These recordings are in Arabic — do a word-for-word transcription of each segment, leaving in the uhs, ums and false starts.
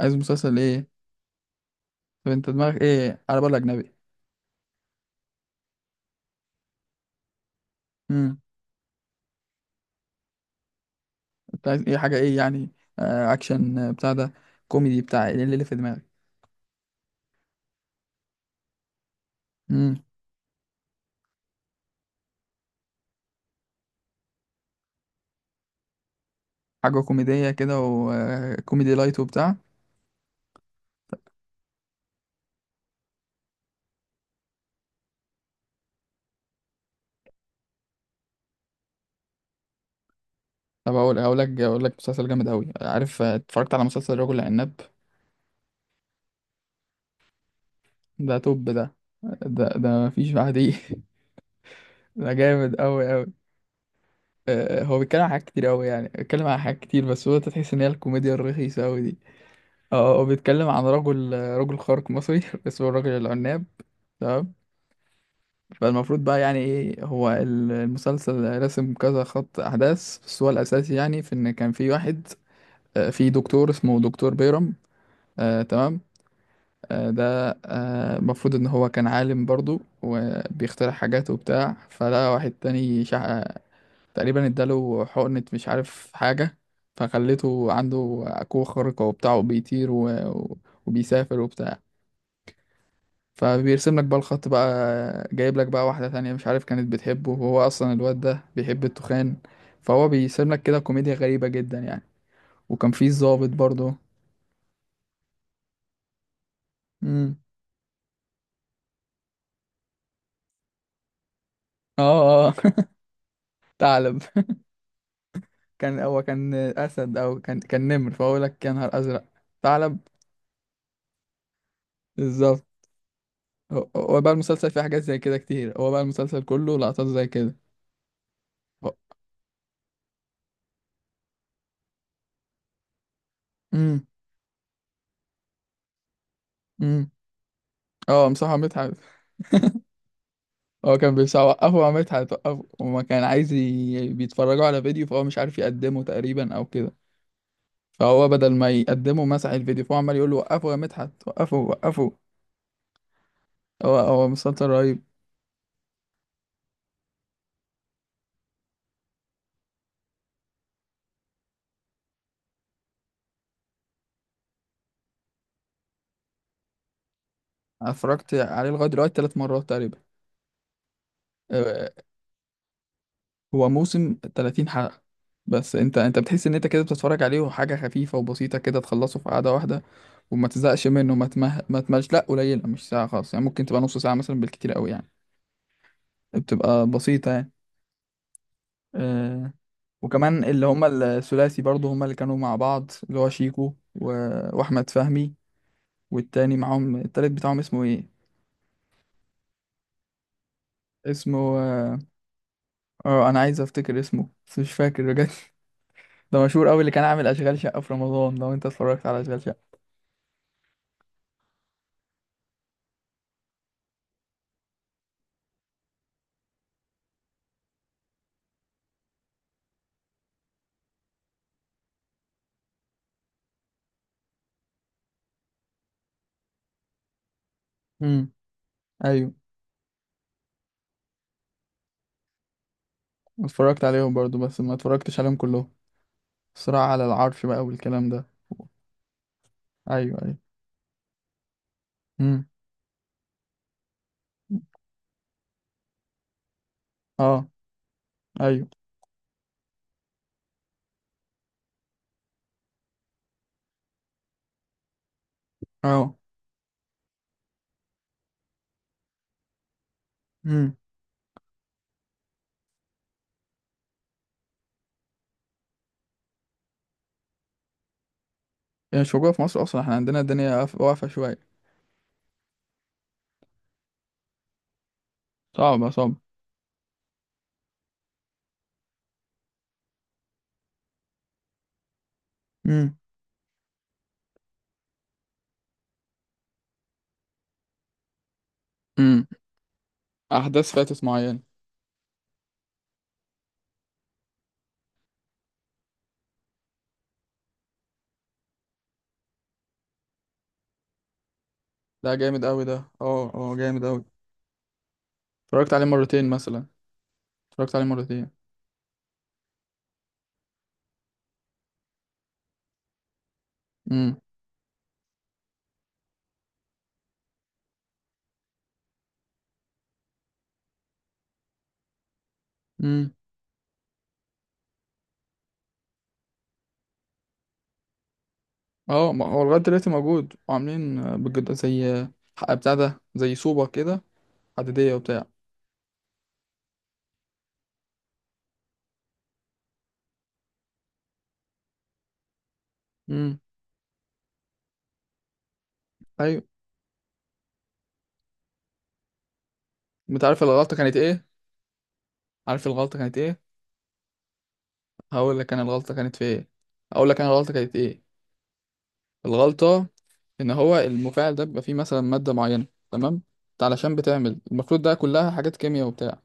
عايز مسلسل ايه؟ طب انت دماغك ايه؟ على بال اجنبي؟ امم. انت عايز ايه؟ حاجه ايه يعني؟ آه اكشن، آه، بتاع ده، كوميدي، بتاع ايه؟ إيه اللي في دماغك؟ امم. حاجه كوميديه كده، وكوميدي لايت وبتاع. طب اقول اقول لك اقول لك مسلسل جامد قوي، عارف؟ آه، اتفرجت على مسلسل رجل العناب؟ ده توب ده. ده ده مفيش بعديه. ده جامد قوي قوي. آه، هو بيتكلم عن حاجات كتير قوي، يعني بيتكلم عن حاجات كتير، بس هو انت تحس ان هي الكوميديا الرخيصه قوي دي. اه هو بيتكلم عن رجل، آه، رجل خارق مصري اسمه الرجل العناب. تمام. فالمفروض بقى يعني ايه، هو ال- المسلسل رسم كذا خط احداث، بس هو الاساسي يعني في ان كان في واحد، آه، في دكتور اسمه دكتور بيرم. آه تمام. آه ده، آه، المفروض ان هو كان عالم برضو وبيخترع حاجات وبتاع، فلقى واحد تاني شع... تقريبا اداله حقنة مش عارف حاجة، فخليته عنده قوة خارقة وبتاع، وبيطير و... وبيسافر وبتاع، فبيرسم لك بقى الخط بقى، جايب لك بقى واحدة تانية مش عارف كانت بتحبه، وهو أصلا الواد ده بيحب التخان، فهو بيرسم لك كده كوميديا غريبة جدا يعني. وكان في ضابط برضه. امم. اه اه. ثعلب. كان هو كان أسد، أو كان كان نمر، فهو لك يا نهار أزرق. ثعلب. بالظبط. هو هو بقى المسلسل فيه حاجات زي كده كتير، هو بقى المسلسل كله لقطات زي كده. امم. امم. اه مصطفى عماد. هو كان بيساعد وقفه، وعملت هتوقفه، وما كان عايز ي... بيتفرجوا على فيديو، فهو مش عارف يقدمه تقريبا او كده، فهو بدل ما يقدمه مسح الفيديو، فهو عمال يقول له وقفه يا مدحت، وقفه وقفه. هو هو مسلسل رهيب. أنا اتفرجت عليه لغايه دلوقتي ثلاث مرات تقريبا. آه، هو موسم ثلاثين حلقه، بس انت انت بتحس ان انت كده بتتفرج عليه وحاجه خفيفه وبسيطه، كده تخلصه في قعده واحده، وما تزهقش منه، ما تمه... ما تملش، لا قليله مش ساعه خالص، يعني ممكن تبقى نص ساعه مثلا بالكتير قوي يعني. بتبقى بسيطه يعني. آه، وكمان اللي هما الثلاثي برضو، هما اللي كانوا مع بعض، اللي هو شيكو و... واحمد فهمي، والتاني معاهم التالت بتاعهم اسمه ايه؟ اسمه، اه انا عايز افتكر اسمه بس مش فاكر بجد. ده مشهور قوي، اللي كان عامل اشغال شقة في رمضان. لو انت اتفرجت على اشغال شقة. امم. ايوه. اتفرجت عليهم برضو، بس ما اتفرجتش عليهم كلهم. صراع على العرش بقى والكلام ده. ايوه ايوه. امم. اه. ايوه. اه. امم. يعني مش موجودة في مصر اصلا، احنا عندنا الدنيا قف- واقفة شوية. صعبة صعبة. امم. امم. احداث فاتت معينة. لا جامد قوي ده، اه اه جامد قوي. اتفرجت عليه مرتين مثلا، اتفرجت عليه مرتين. امم. امم. اه ما هو لغايه دلوقتي موجود، وعاملين آه، بجد زي آه، حق بتاع ده، زي صوبه كده، حديديه وبتاع. امم. ايوه. انت عارف الغلطه كانت ايه؟ عارف الغلطه كانت ايه؟ هقول لك انا الغلطه كانت في ايه، هقول لك انا الغلطه كانت ايه. الغلطه ان هو المفاعل ده بيبقى فيه مثلا ماده معينه، تمام؟ انت علشان بتعمل المفروض ده كلها حاجات كيمياء وبتاع.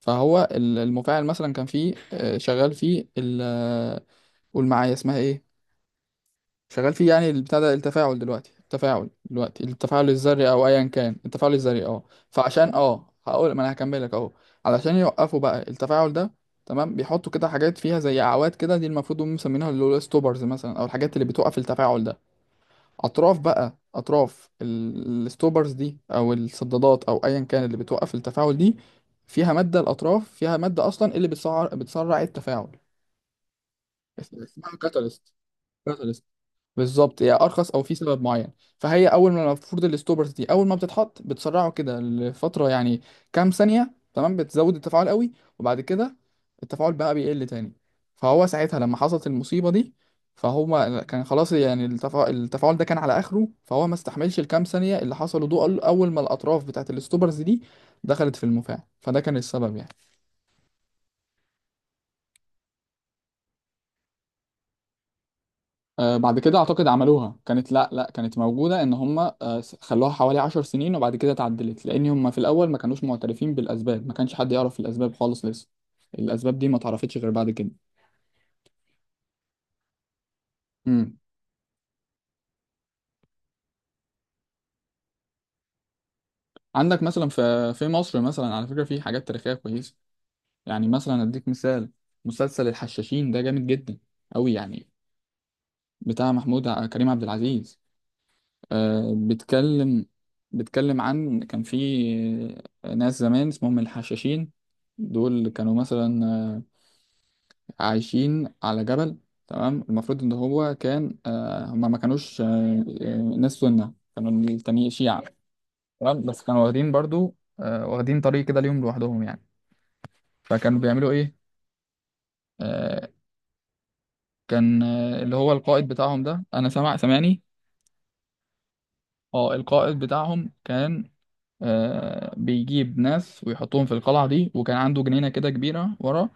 فهو ال- المفاعل مثلا كان فيه، آه، شغال فيه ال آه، قول معايا اسمها ايه، شغال فيه يعني البتاع ده التفاعل دلوقتي، التفاعل دلوقتي، التفاعل الذري او ايا كان، التفاعل الذري اه. فعشان اه هقول، ما انا هكملك اهو. علشان يوقفوا بقى التفاعل ده، تمام، بيحطوا كده حاجات فيها زي اعواد كده، دي المفروض هم مسمينها اللي هو ستوبرز مثلا، او الحاجات اللي بتوقف التفاعل ده. اطراف بقى، اطراف ال- الستوبرز دي، او السدادات او ايا كان اللي بتوقف التفاعل دي، فيها ماده. الاطراف فيها ماده اصلا اللي بتسرع بتسرع التفاعل. اسمها كاتاليست. بالظبط، يعني ارخص او في سبب معين. فهي اول ما المفروض الستوبرز دي اول ما بتتحط بتسرعه كده لفتره يعني، كام ثانيه تمام بتزود التفاعل قوي، وبعد كده التفاعل بقى بيقل تاني. فهو ساعتها لما حصلت المصيبه دي، فهو كان خلاص، يعني التفا... التفاعل ده كان على اخره، فهو ما استحملش الكام ثانيه اللي حصلوا دول، اول ما الاطراف بتاعت الستوبرز دي دخلت في المفاعل، فده كان السبب يعني. آه، بعد كده اعتقد عملوها، كانت لا لا كانت موجوده، ان هم آه، س- خلوها حوالي عشرة سنين، وبعد كده اتعدلت، لان هم في الاول ما كانوش معترفين بالاسباب، ما كانش حد يعرف الاسباب خالص لسه. الاسباب دي ما اتعرفتش غير بعد كده. امم. عندك مثلا في في مصر مثلا على فكره في حاجات تاريخيه كويسه، يعني مثلا اديك مثال، مسلسل الحشاشين ده جامد جدا قوي يعني، بتاع محمود ع- كريم عبد العزيز. آه، بتكلم، بتكلم عن كان في ناس زمان اسمهم الحشاشين، دول كانوا مثلا آه، عايشين على جبل. تمام. المفروض ان هو كان آه، هما ما كانوش آه، آه، ناس سنة، كانوا التانيين شيعة، تمام. بس كانوا واخدين برضو، آه، واخدين طريق كده ليهم لوحدهم يعني. فكانوا بيعملوا ايه؟ آه، كان آه، اللي هو القائد بتاعهم ده، انا سمع سمعني. اه القائد بتاعهم كان، آه، بيجيب ناس ويحطهم في القلعة دي، وكان عنده جنينة كده كبيرة ورا،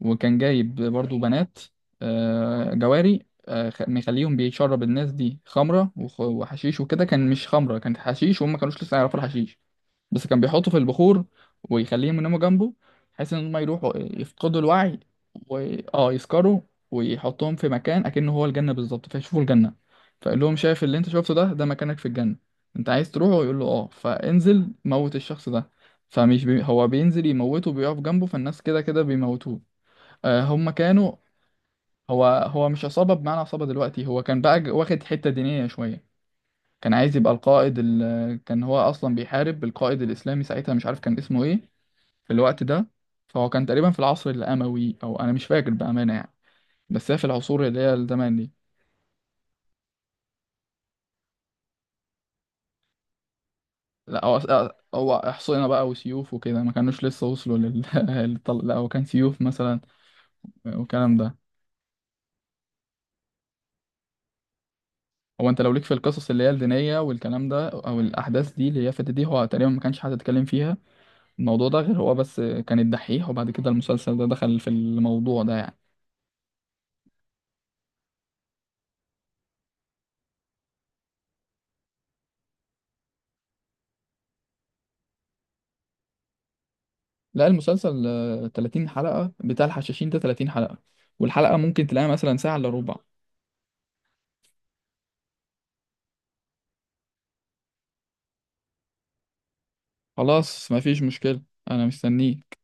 وكان جايب برضو بنات، آه، جواري، آه، خ- مخليهم بيشرب الناس دي خمرة وخ- وحشيش وكده، كان مش خمرة، كانت حشيش، وهم ما كانوش لسه يعرفوا الحشيش، بس كان بيحطه في البخور، ويخليهم يناموا جنبه، بحيث ان هم يروحوا يفقدوا الوعي، و اه يسكروا، ويحطهم في مكان اكنه هو الجنة بالظبط، فيشوفوا الجنة. فقال لهم شايف اللي انت شفته ده، ده مكانك في الجنة، انت عايز تروحه؟ يقول له اه، فانزل موت الشخص ده. فمش بي... هو بينزل يموته، بيقف جنبه، فالناس كده كده بيموتوه. آه هم كانوا، هو هو مش عصابة بمعنى عصابة دلوقتي، هو كان بقى ج- واخد حتة دينية شوية. كان عايز يبقى القائد ال... كان هو اصلا بيحارب القائد الاسلامي ساعتها، مش عارف كان اسمه ايه في الوقت ده. فهو كان تقريبا في العصر الاموي او انا مش فاكر بامانه يعني، بس هي في العصور اللي هي الزمان دي. لا هو أس- هو احصنه بقى وسيوف وكده، ما كانوش لسه وصلوا لل للطل- لا هو كان سيوف مثلا والكلام ده. هو انت لو ليك في القصص اللي هي الدينيه والكلام ده، او الاحداث دي اللي هي فاتت دي، هو تقريبا ما كانش حد اتكلم فيها، الموضوع ده غير هو بس كان الدحيح، وبعد كده المسلسل ده دخل في الموضوع ده يعني. لا المسلسل، آه، ثلاثين حلقة، بتاع الحشاشين ده ثلاثين حلقة، والحلقة ممكن تلاقيها مثلا ساعة إلا ربع. خلاص مفيش مشكلة، أنا مستنيه.